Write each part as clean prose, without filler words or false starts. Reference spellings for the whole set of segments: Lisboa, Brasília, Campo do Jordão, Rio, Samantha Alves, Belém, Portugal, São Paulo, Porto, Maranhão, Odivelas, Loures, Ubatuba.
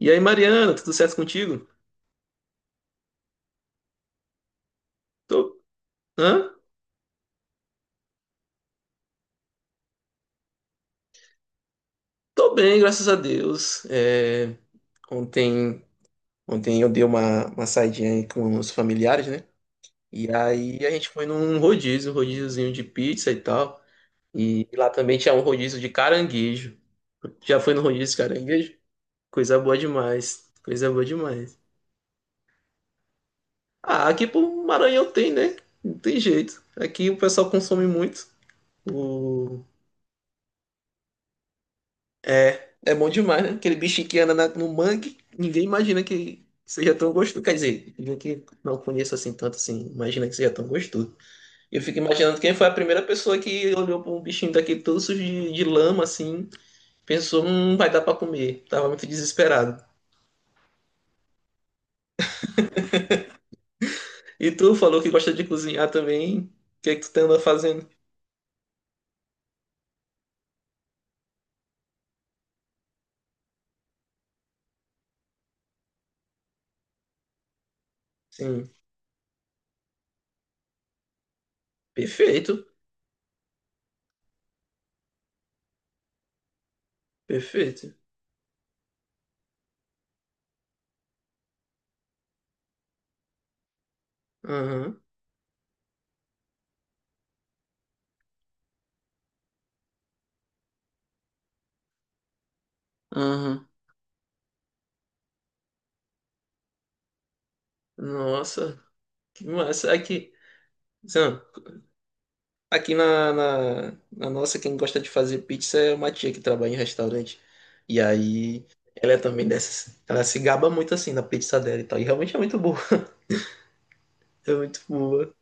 E aí, Mariana, tudo certo contigo? Tô, hã? Tô bem, graças a Deus. Ontem, ontem eu dei uma saidinha aí com os familiares, né? E aí a gente foi num rodízio, um rodíziozinho de pizza e tal. E lá também tinha um rodízio de caranguejo. Já foi no rodízio de caranguejo? Coisa boa demais. Coisa boa demais. Ah, aqui pro Maranhão tem, né? Não tem jeito. Aqui o pessoal consome muito. O... É, é bom demais, né? Aquele bichinho que anda no mangue, ninguém imagina que seja tão gostoso. Quer dizer, eu que não conheço assim tanto assim, imagina que seja tão gostoso. Eu fico imaginando quem foi a primeira pessoa que olhou para um bichinho daquele todo sujo de lama, assim, pensou, vai dar para comer. Tava muito desesperado. E tu falou que gosta de cozinhar também. O que é que tu tá andando fazendo? Sim, perfeito, perfeito. Aham, aham. Nossa, que massa. Aqui, Sam. Aqui na nossa, quem gosta de fazer pizza é uma tia que trabalha em restaurante. E aí, ela é também dessas. Ela se gaba muito assim na pizza dela e tal. E realmente é muito boa. É muito boa.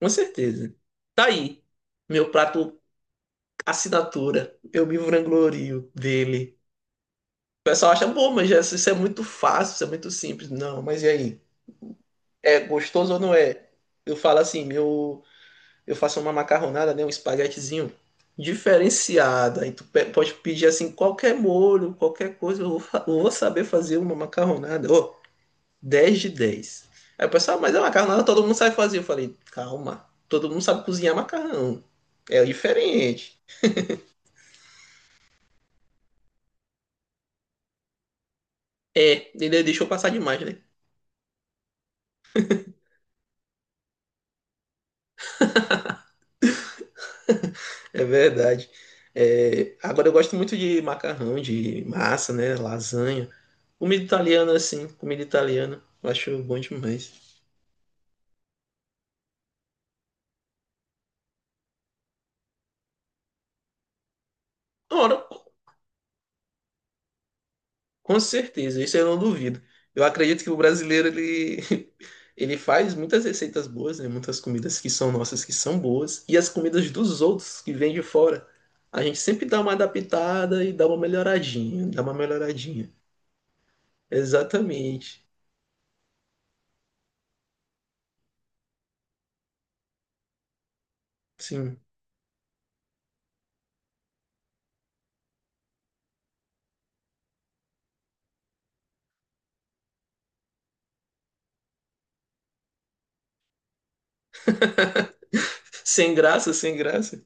Com certeza. Tá aí. Meu prato assinatura. Eu me vanglorio dele. O pessoal acha, bom, mas Jesus, isso é muito fácil, isso é muito simples. Não, mas e aí? É gostoso ou não é? Eu falo assim, meu. Eu faço uma macarronada, né, um espaguetezinho diferenciada. E tu pode pedir assim qualquer molho, qualquer coisa, eu vou, eu vou saber fazer uma macarronada. Ô, 10 de 10. Aí o pessoal, "Ah, mas a macarronada todo mundo sabe fazer. Eu falei, calma, todo mundo sabe cozinhar macarrão. É diferente. É, ele deixou passar demais, né? É verdade. É, agora eu gosto muito de macarrão, de massa, né? Lasanha. Comida italiana, assim, comida italiana. Eu acho bom demais. Ora, com certeza, isso eu não duvido. Eu acredito que o brasileiro ele, ele faz muitas receitas boas, né? Muitas comidas que são nossas que são boas e as comidas dos outros que vêm de fora. A gente sempre dá uma adaptada e dá uma melhoradinha, dá uma melhoradinha. Exatamente. Sim. Sem graça, sem graça.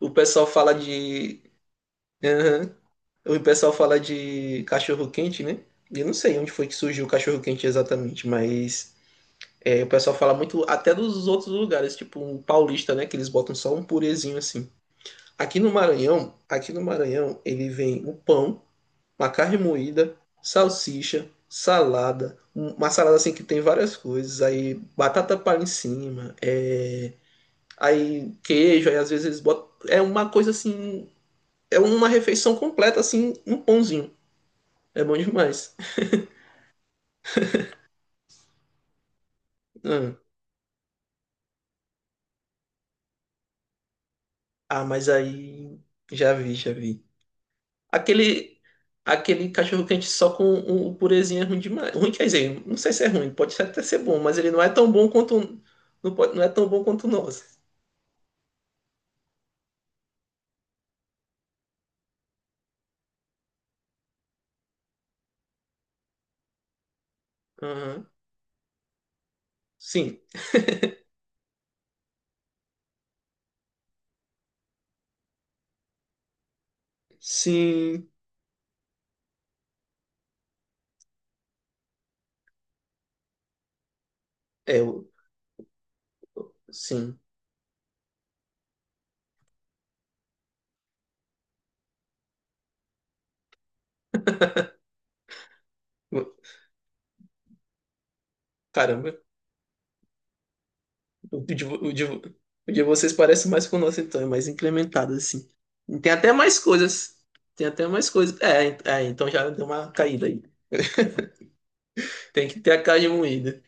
O pessoal fala de. Aham. O pessoal fala de cachorro-quente, né? Eu não sei onde foi que surgiu o cachorro-quente exatamente, mas é, o pessoal fala muito até dos outros lugares, tipo um paulista, né? Que eles botam só um purezinho assim. Aqui no Maranhão, ele vem o pão, uma carne moída, salsicha, salada, uma salada assim que tem várias coisas, aí batata palha em cima, é, aí queijo, aí às vezes eles botam. É uma coisa assim, é uma refeição completa, assim, um pãozinho. É bom demais. Hum. Ah, mas aí já vi, já vi. Aquele, aquele cachorro quente só com o purezinho é ruim demais. Ruim quer dizer, não sei se é ruim, pode até ser bom, mas ele não é tão bom quanto não, não é tão bom quanto nós. Aham. Sim. Sim. É, sim. O... Caramba, o de, vo- o de, vo- o de vocês parece mais com o nosso, então, é mais incrementado, assim. E tem até mais coisas. Tem até mais coisas. É, é, então já deu uma caída aí. Tem que ter a carne moída.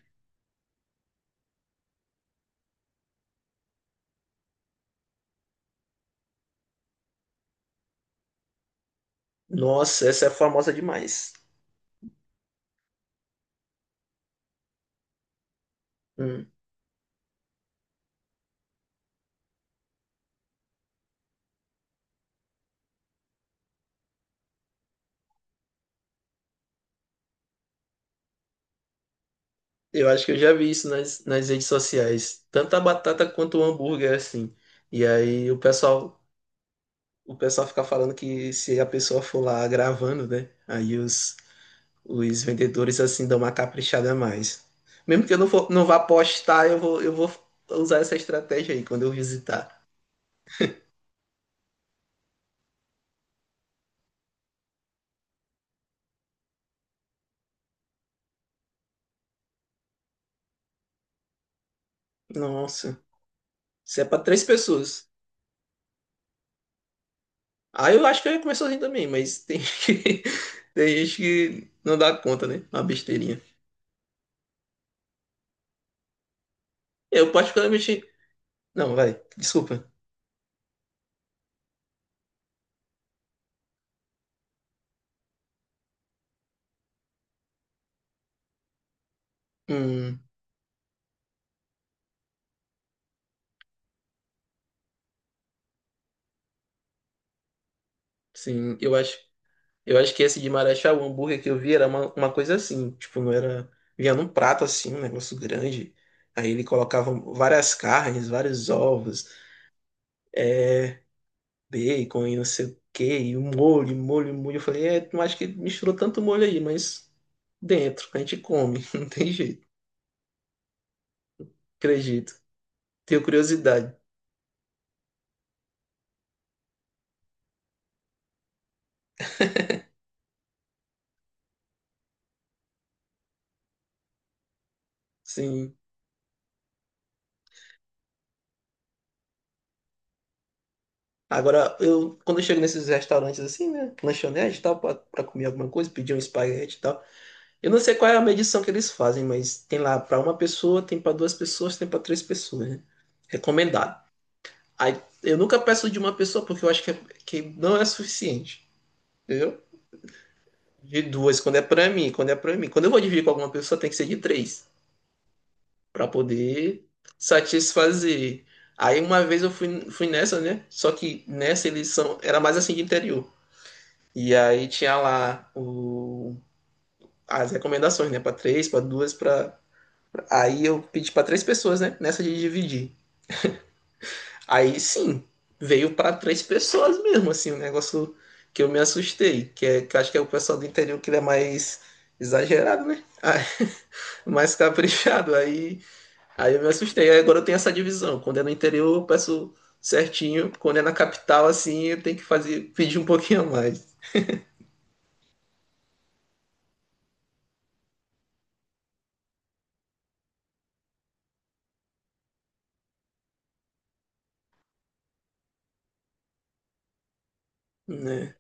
Nossa, essa é famosa demais. Hum. Eu acho que eu já vi isso nas redes sociais. Tanto a batata quanto o hambúrguer, assim. E aí o pessoal fica falando que se a pessoa for lá gravando, né? Aí os vendedores, assim, dão uma caprichada a mais. Mesmo que eu não, for, não vá postar, eu vou usar essa estratégia aí quando eu visitar. Nossa, isso é pra três pessoas. Aí eu acho que eu ia comer sozinho também, mas tem gente que, tem gente que não dá conta, né? Uma besteirinha. Eu particularmente... Não, vai, desculpa. Hum, sim, eu acho que esse de Marechal, o hambúrguer que eu vi era uma coisa assim, tipo, não era, vinha num prato assim, um negócio grande, aí ele colocava várias carnes, vários ovos, é, bacon e não sei o quê, e o molho, um molho, eu falei, é, não acho que misturou tanto molho aí, mas dentro, a gente come, não tem jeito, acredito, tenho curiosidade, sim. Agora, eu, quando eu chego nesses restaurantes assim, né, lanchonete e tal, pra comer alguma coisa, pedir um espaguete e tal, eu não sei qual é a medição que eles fazem, mas tem lá para uma pessoa, tem para duas pessoas, tem para três pessoas, né? Recomendado. Aí, eu nunca peço de uma pessoa porque eu acho que, que não é suficiente, entendeu? De duas, quando é para mim. Quando eu vou dividir com alguma pessoa, tem que ser de três, para poder satisfazer. Aí uma vez eu fui, fui nessa, né? Só que nessa eles são, era mais assim de interior. E aí tinha lá o, as recomendações, né? Para três, para duas, para Aí eu pedi pra três pessoas, né? Nessa de dividir. Aí sim, veio pra três pessoas mesmo, assim, um negócio que eu me assustei, que, é, que eu acho que é o pessoal do interior que ele é mais exagerado, né? Ai, mais caprichado. Aí, aí eu me assustei. Aí agora eu tenho essa divisão. Quando é no interior, eu peço certinho. Quando é na capital, assim, eu tenho que fazer, pedir um pouquinho a mais, né?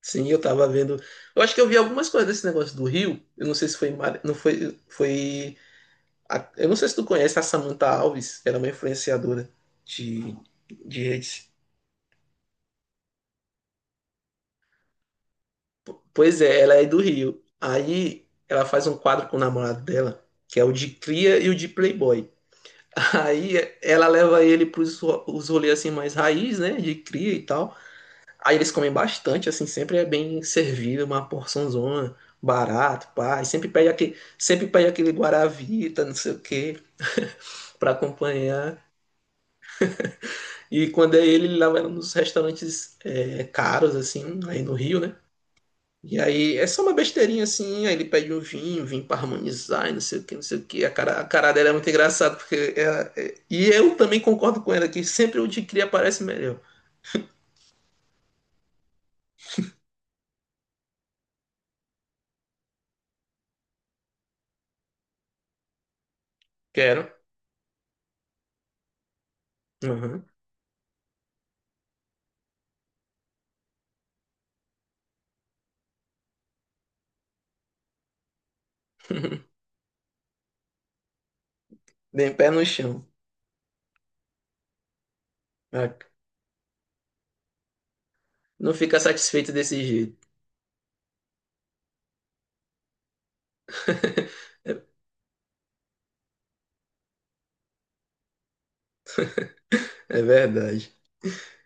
Sim, eu tava vendo. Eu acho que eu vi algumas coisas desse negócio do Rio. Eu não sei se foi em Mar... não foi eu não sei se tu conhece a Samantha Alves, ela é uma influenciadora de, de redes. Pois é, ela é do Rio. Aí ela faz um quadro com o namorado dela, que é o de cria e o de playboy. Aí ela leva ele para os rolês assim mais raiz, né, de cria e tal. Aí eles comem bastante, assim, sempre é bem servido, uma porçãozona, barato, pá. E sempre pede aquele guaravita, não sei o quê, para acompanhar. E quando é ele, ele leva ela nos restaurantes é, caros, assim, aí no Rio, né? E aí é só uma besteirinha assim, aí ele pede um vinho, vinho pra harmonizar, e não sei o que, não sei o que. A cara dela é muito engraçada, porque e eu também concordo com ela que sempre o de cria parece melhor. Quero. Uhum. Bem pé no chão. Ah, não fica satisfeito desse jeito. É é verdade.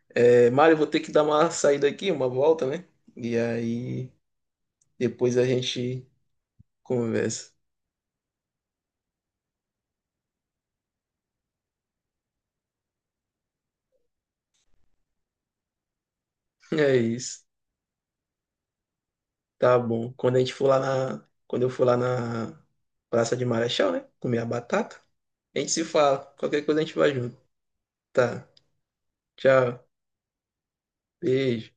É, Mário, vou ter que dar uma saída aqui, uma volta, né? E aí depois a gente conversa. É isso. Tá bom. Quando a gente for lá na. Quando eu for lá na Praça de Marechal, né? Comer a batata, a gente se fala. Qualquer coisa a gente vai junto. Tá. Tchau. Beijo.